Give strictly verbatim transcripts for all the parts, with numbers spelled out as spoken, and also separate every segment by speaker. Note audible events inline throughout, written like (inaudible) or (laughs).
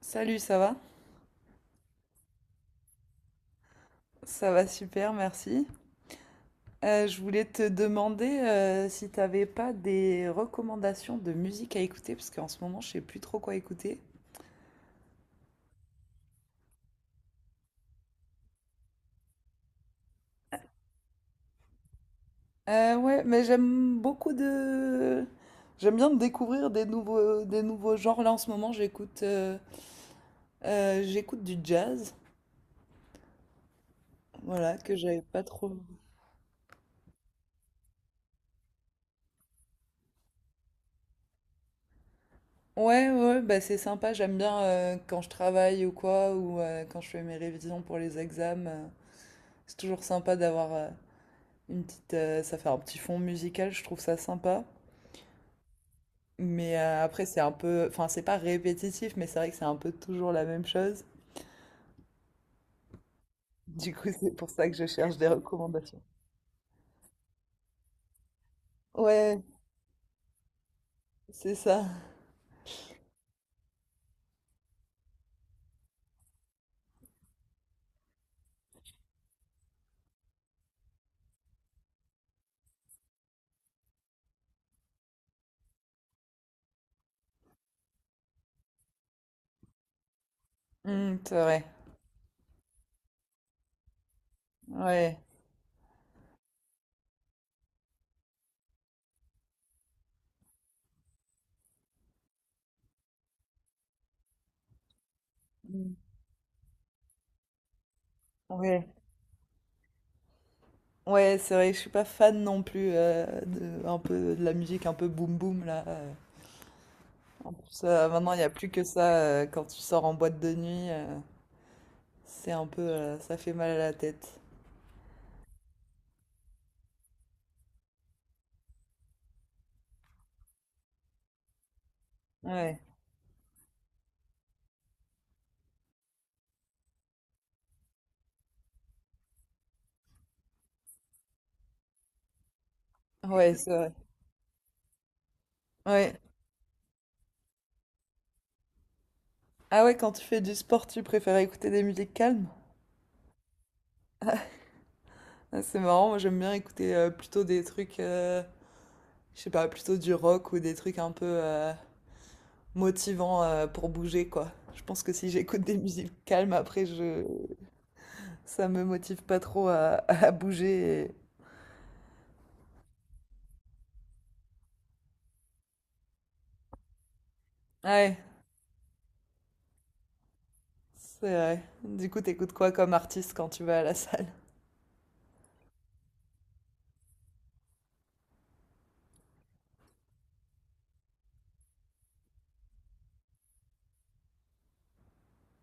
Speaker 1: Salut, ça va? Ça va super, merci. Euh, je voulais te demander euh, si tu n'avais pas des recommandations de musique à écouter, parce qu'en ce moment, je sais plus trop quoi écouter. Euh, ouais, mais j'aime beaucoup de... J'aime bien découvrir des nouveaux, des nouveaux genres. Là, en ce moment, j'écoute euh, euh, j'écoute du jazz, voilà, que j'avais pas trop... Ouais, ouais, bah c'est sympa, j'aime bien euh, quand je travaille ou quoi, ou euh, quand je fais mes révisions pour les examens. Euh, c'est toujours sympa d'avoir... euh, Une petite, euh, ça fait un petit fond musical, je trouve ça sympa. Mais euh, après, c'est un peu, enfin, c'est pas répétitif, mais c'est vrai que c'est un peu toujours la même chose. Du coup, (laughs) c'est pour ça que je cherche des recommandations. Ouais, c'est ça. Mm, c'est vrai. Ouais. Mm. Ouais. Ouais, c'est vrai, je suis pas fan non plus euh, de, un peu, de la musique un peu boom boom là. euh. En plus, euh, maintenant, il n'y a plus que ça euh, quand tu sors en boîte de nuit. euh, c'est un peu, euh, ça fait mal à la tête. Ouais, ouais, c'est vrai. Ouais. Ah ouais, quand tu fais du sport, tu préfères écouter des musiques calmes? Ah, c'est marrant, moi j'aime bien écouter euh, plutôt des trucs, euh, je sais pas, plutôt du rock ou des trucs un peu euh, motivants euh, pour bouger, quoi. Je pense que si j'écoute des musiques calmes, après, je... ça me motive pas trop à, (laughs) à bouger. et- Ouais, c'est vrai. Du coup, t'écoutes quoi comme artiste quand tu vas à la salle?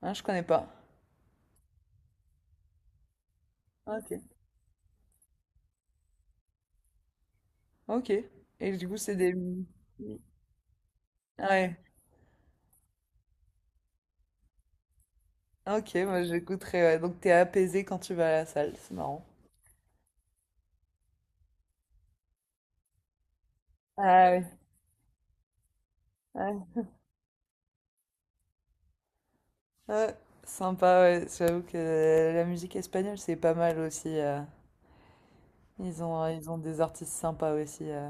Speaker 1: Hein, je connais pas. Ok. Ok. Et du coup, c'est des... Ouais. Ok, moi j'écouterai. Ouais. Donc t'es apaisé quand tu vas à la salle, c'est marrant. Ah oui. Ouais. Ouais, sympa, ouais. J'avoue que la musique espagnole, c'est pas mal aussi. euh. Ils ont, euh, ils ont des artistes sympas aussi. euh.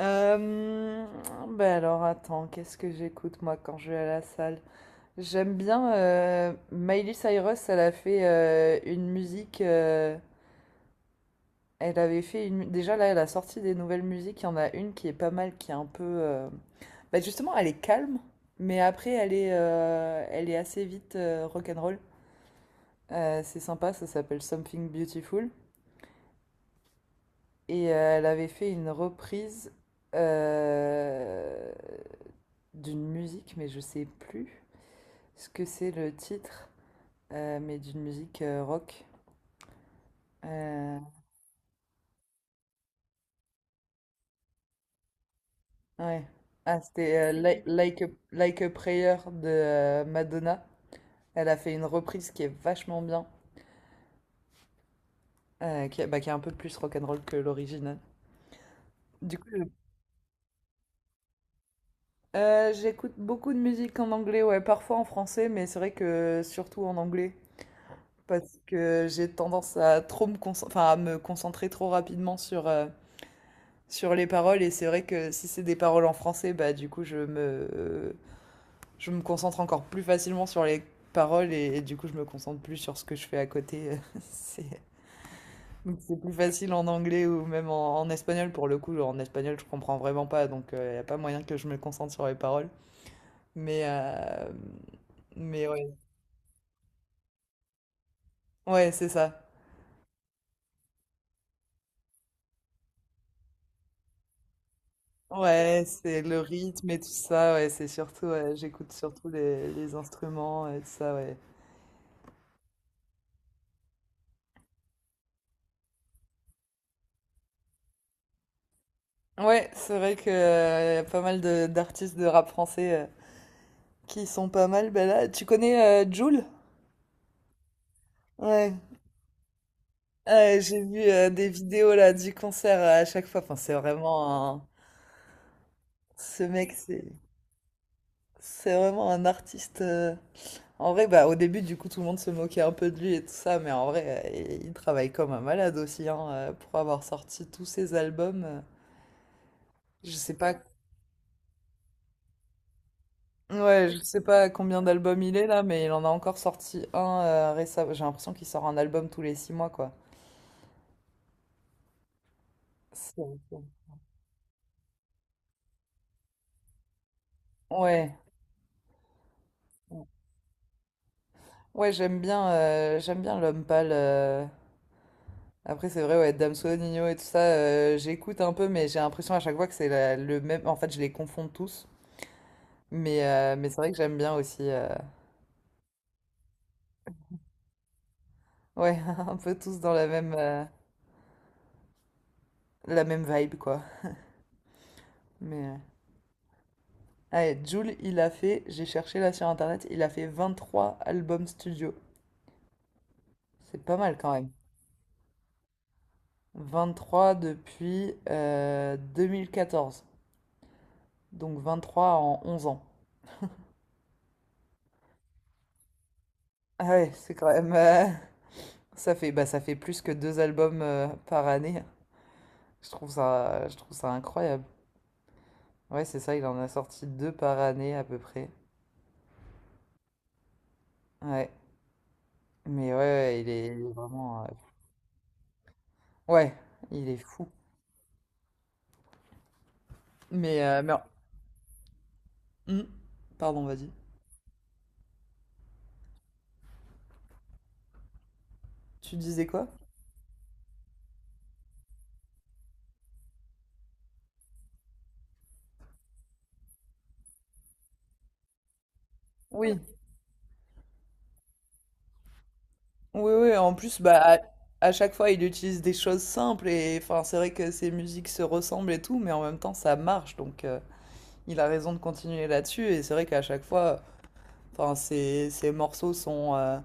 Speaker 1: Euh, Bah alors, attends, qu'est-ce que j'écoute moi quand je vais à la salle? J'aime bien euh, Miley Cyrus, elle a fait euh, une musique. euh, elle avait fait une. Déjà là, elle a sorti des nouvelles musiques. Il y en a une qui est pas mal, qui est un peu. euh, Bah justement, elle est calme, mais après, elle est, euh, elle est assez vite rock rock'n'roll. Euh, c'est sympa, ça s'appelle Something Beautiful. Et euh, elle avait fait une reprise euh, d'une musique, mais je sais plus ce que c'est le titre, euh, mais d'une musique euh, rock. Euh, ouais. Ah, c'était euh, Li- like, a, Like a Prayer de euh, Madonna. Elle a fait une reprise qui est vachement bien, euh, qui, est bah, qui est un peu plus rock'n'roll que l'original. Du coup, Euh, j'écoute beaucoup de musique en anglais, ouais, parfois en français, mais c'est vrai que surtout en anglais, parce que j'ai tendance à trop me concentrer, enfin, à me concentrer trop rapidement sur, euh, sur les paroles, et c'est vrai que si c'est des paroles en français, bah du coup je me, je me concentre encore plus facilement sur les paroles, et, et du coup je me concentre plus sur ce que je fais à côté. (laughs) C'est donc c'est plus facile en anglais ou même en, en espagnol, pour le coup, en espagnol je comprends vraiment pas, donc il n'y a pas moyen que je me concentre sur les paroles. Mais, euh, mais ouais, ouais, c'est ça. Ouais, c'est le rythme et tout ça. Ouais, c'est surtout, ouais, j'écoute surtout les, les instruments et tout ça. Ouais, ouais, c'est vrai que euh, y a pas mal de d'artistes de rap français euh, qui sont pas mal. Ben là, tu connais euh, Jul? Ouais. Ouais, j'ai vu euh, des vidéos là du concert euh, à chaque fois. Enfin, c'est vraiment un... ce mec, c'est c'est vraiment un artiste. euh, En vrai, bah, au début, du coup, tout le monde se moquait un peu de lui et tout ça, mais en vrai, euh, il travaille comme un malade aussi, hein, euh, pour avoir sorti tous ses albums. euh, Je sais pas, ouais, je sais pas combien d'albums il est là, mais il en a encore sorti un euh, récemment. J'ai l'impression qu'il sort un album tous les six mois, quoi. C'est Ouais, ouais, j'aime bien, euh, j'aime bien l'homme pâle. euh. Après, c'est vrai, ouais, Damso, Nino et tout ça, euh, j'écoute un peu, mais j'ai l'impression à chaque fois que c'est la- le même. En fait, je les confonds tous, mais, euh, mais c'est vrai que j'aime bien aussi. euh, Ouais, (laughs) un peu tous dans la même, euh, la même vibe, quoi. Mais, euh, allez, Jul, il a fait, j'ai cherché là sur internet, il a fait vingt trois albums studio. C'est pas mal quand même. Vingt trois depuis euh, deux mille quatorze. Donc vingt trois en onze ans. Ah ouais, c'est quand même... euh, ça fait, bah, ça fait plus que deux albums euh, par année. Je trouve ça, je trouve ça incroyable. Ouais, c'est ça, il en a sorti deux par année à peu près. Ouais. Mais ouais, ouais, il est, il est vraiment... euh, ouais. Il est fou. Mais, euh, mais Hmm. Pardon, vas-y. Tu disais quoi? Oui, oui, oui. En plus, bah, à, à chaque fois, il utilise des choses simples et enfin, c'est vrai que ses musiques se ressemblent et tout, mais en même temps, ça marche. Donc, euh, il a raison de continuer là-dessus. Et c'est vrai qu'à chaque fois, enfin, ses, ses morceaux sont, euh,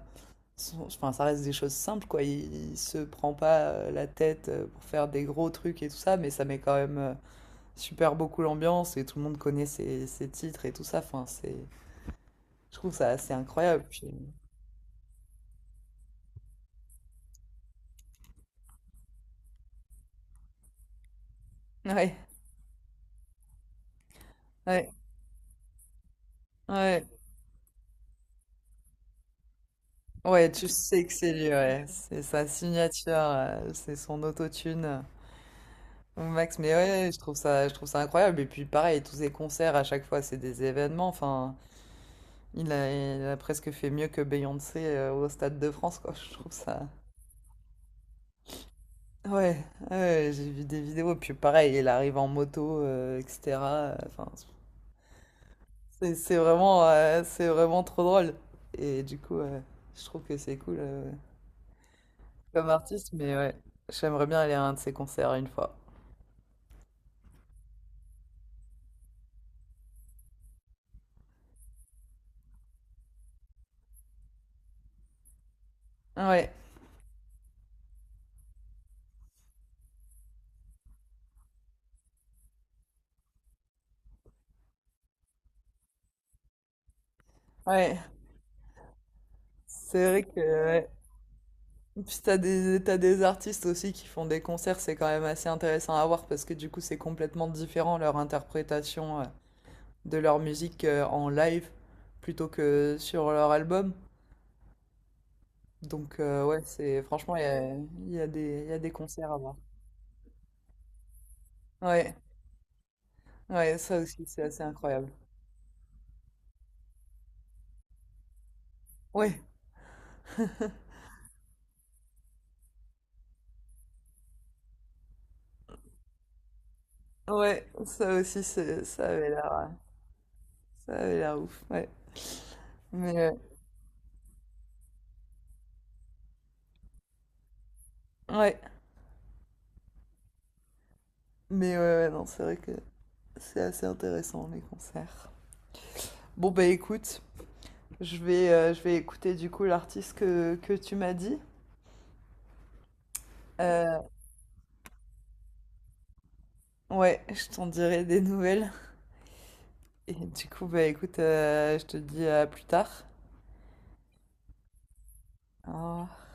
Speaker 1: sont- enfin, ça reste des choses simples, quoi. Il, il se prend pas euh, la tête euh, pour faire des gros trucs et tout ça, mais ça met quand même euh, super beaucoup l'ambiance et tout le monde connaît ses, ses titres et tout ça. Enfin, c'est Je trouve ça assez incroyable, puis ouais, ouais, ouais. Ouais, tu sais que c'est lui, ouais. C'est sa signature, euh, c'est son autotune euh, au max. Mais ouais, je trouve ça, je trouve ça incroyable. Et puis pareil, tous ses concerts, à chaque fois, c'est des événements. Enfin, il a, il a presque fait mieux que Beyoncé euh, au Stade de France, quoi. Je trouve ça... Ouais, ouais, j'ai vu des vidéos. Puis pareil, il arrive en moto, euh, et cetera. Enfin, c'est c'est vraiment, euh, c'est vraiment trop drôle. Et du coup, euh, je trouve que c'est cool. euh, comme artiste, mais ouais, j'aimerais bien aller à un de ses concerts une fois. Ouais, ouais. C'est vrai que ouais. Puis t'as des, t'as des artistes aussi qui font des concerts, c'est quand même assez intéressant à voir parce que du coup c'est complètement différent leur interprétation euh, de leur musique euh, en live plutôt que sur leur album. Donc euh, ouais, c'est franchement il y a, il y a des, il y a des concerts à voir. Ouais, ouais, ça aussi c'est assez incroyable. Ouais, ouais, ça aussi c'est, ça avait l'air. euh, Ça avait l'air ouf, ouais. Mais euh, ouais, mais ouais, ouais, non, c'est vrai que c'est assez intéressant les concerts. Bon bah écoute, je vais, euh, je vais écouter du coup l'artiste que, que tu m'as dit. Euh, ouais, je t'en dirai des nouvelles. Et du coup bah écoute, euh, je te dis à plus tard. Au revoir.